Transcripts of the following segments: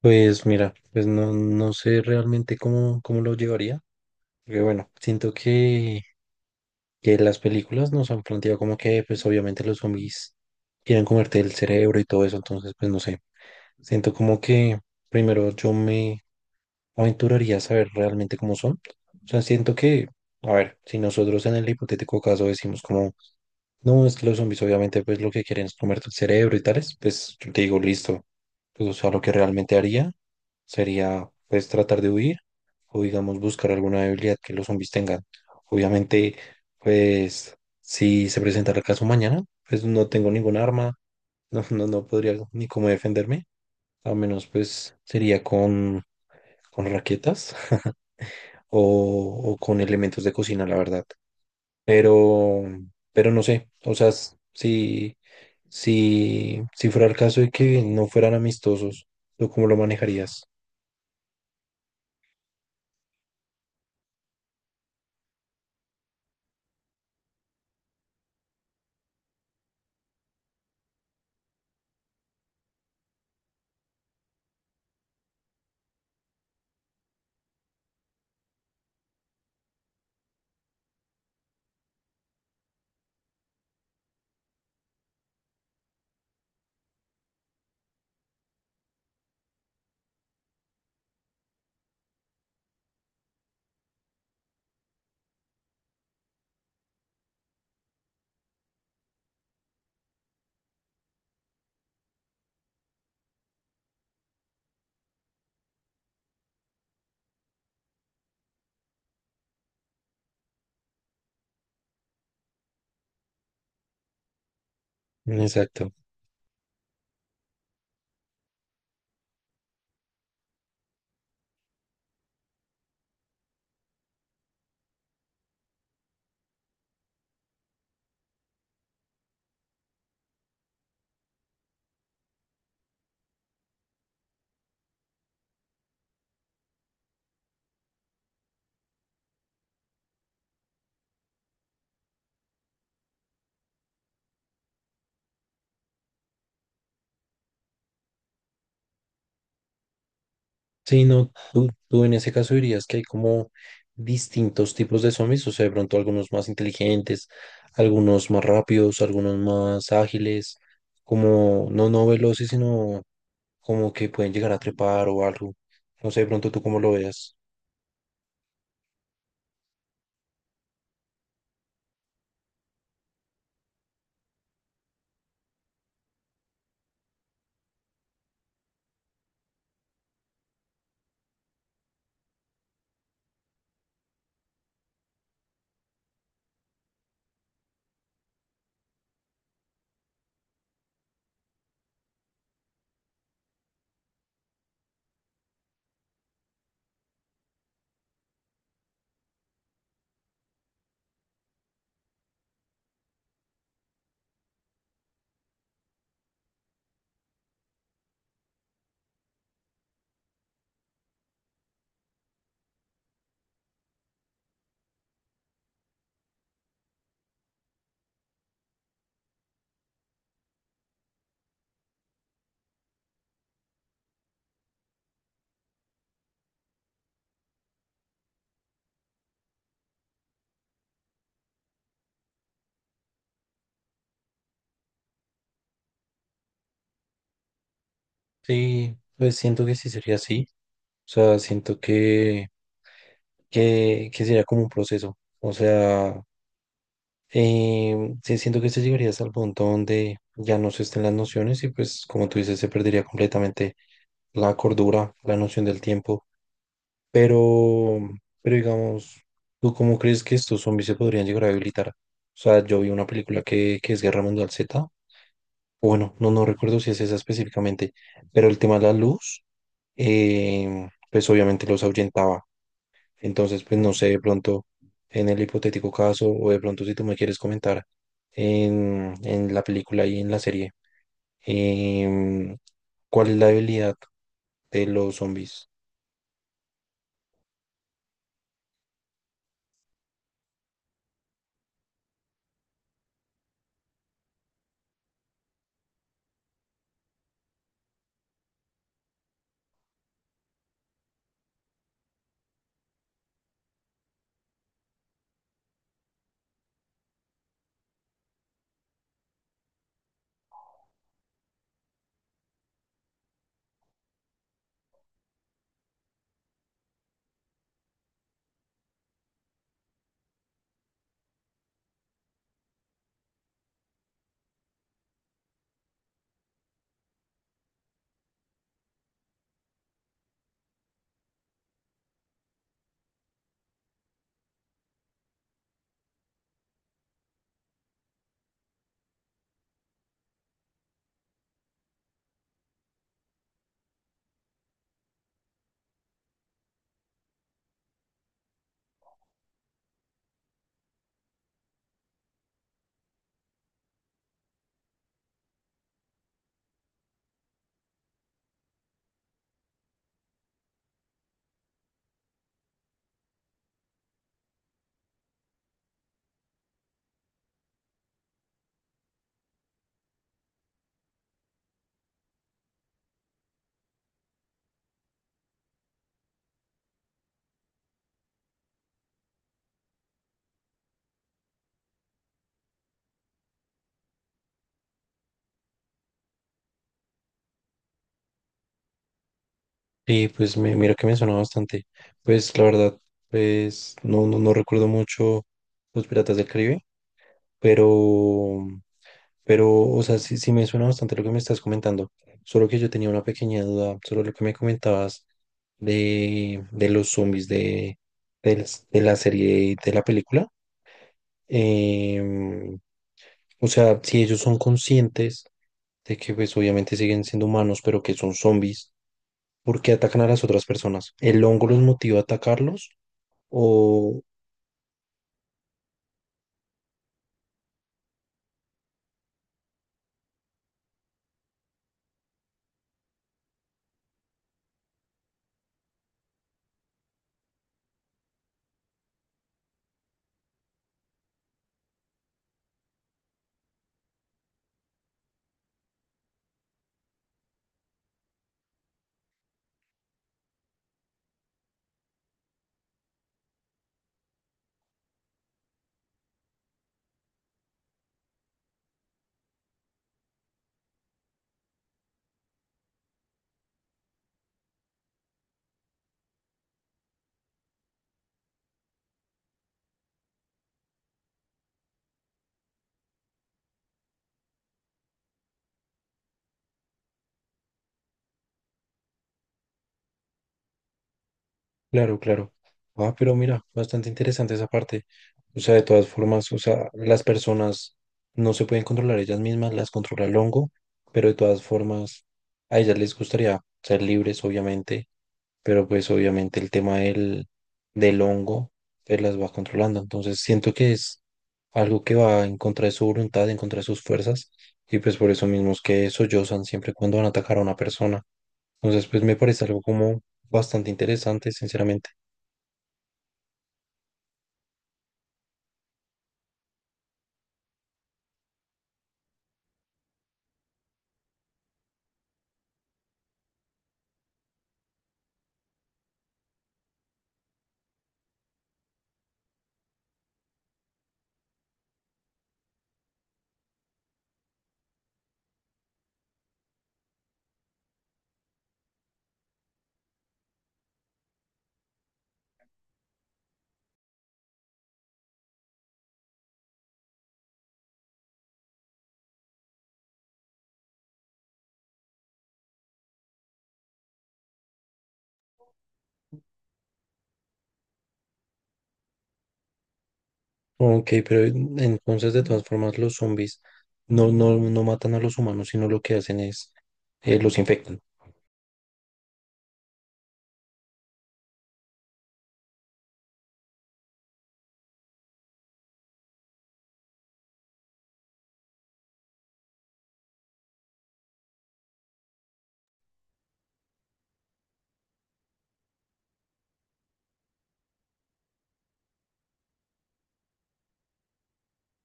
Pues mira, pues no, no sé realmente cómo lo llevaría. Porque bueno, siento que las películas nos han planteado como que pues obviamente los zombies quieren comerte el cerebro y todo eso. Entonces pues no sé. Siento como que primero yo me aventuraría a saber realmente cómo son. O sea, siento a ver, si nosotros en el hipotético caso decimos como, no, es que los zombies obviamente pues lo que quieren es comerte el cerebro y tales, pues yo te digo, listo. Pues, o sea, lo que realmente haría sería pues tratar de huir o digamos buscar alguna debilidad que los zombies tengan. Obviamente, pues si se presenta el caso mañana, pues no tengo ningún arma, no, no, no podría ni cómo defenderme, a menos pues sería con raquetas o, o con elementos de cocina, la verdad. Pero, pero no sé, o sea, si fuera el caso de que no fueran amistosos, ¿tú cómo lo manejarías? Exacto. Sí, no, tú en ese caso dirías que hay como distintos tipos de zombies, o sea, de pronto algunos más inteligentes, algunos más rápidos, algunos más ágiles, como no veloces, sino como que pueden llegar a trepar o algo. No sé, de pronto tú cómo lo veas. Sí, pues siento que sí sería así. O sea, siento que sería como un proceso. O sea, sí, siento que se llegaría hasta el punto donde ya no se estén las nociones y pues como tú dices, se perdería completamente la cordura, la noción del tiempo. Pero, pero digamos, ¿tú cómo crees que estos zombies se podrían llegar a habilitar? O sea, yo vi una película que es Guerra Mundial Z, o bueno, no, no recuerdo si es esa específicamente, pero el tema de la luz, pues obviamente los ahuyentaba. Entonces, pues no sé, de pronto, en el hipotético caso, o de pronto si tú me quieres comentar en la película y en la serie, em, ¿cuál es la debilidad de los zombies? Sí, pues me, mira que me suena bastante. Pues la verdad, pues no, no, no recuerdo mucho Los Piratas del Caribe, pero, o sea, sí me suena bastante lo que me estás comentando. Solo que yo tenía una pequeña duda sobre lo que me comentabas de los zombies de de la serie y de la película. Em, o sea, si ellos son conscientes de que pues obviamente siguen siendo humanos, pero que son zombies, ¿por qué atacan a las otras personas? ¿El hongo los motiva a atacarlos? O, claro, claro. Ah, pero mira, bastante interesante esa parte. O sea, de todas formas, o sea, las personas no se pueden controlar ellas mismas, las controla el hongo, pero de todas formas, a ellas les gustaría ser libres, obviamente pero pues obviamente el tema del hongo pues las va controlando. Entonces siento que es algo que va en contra de su voluntad, en contra de sus fuerzas, y pues por eso mismo es que sollozan siempre cuando van a atacar a una persona. Entonces pues me parece algo como bastante interesante, sinceramente. Ok, pero entonces de todas formas los zombies no, no, no matan a los humanos, sino lo que hacen es los infectan.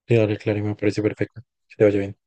Sí, dale, claro, me parece perfecto. Que te vaya bien.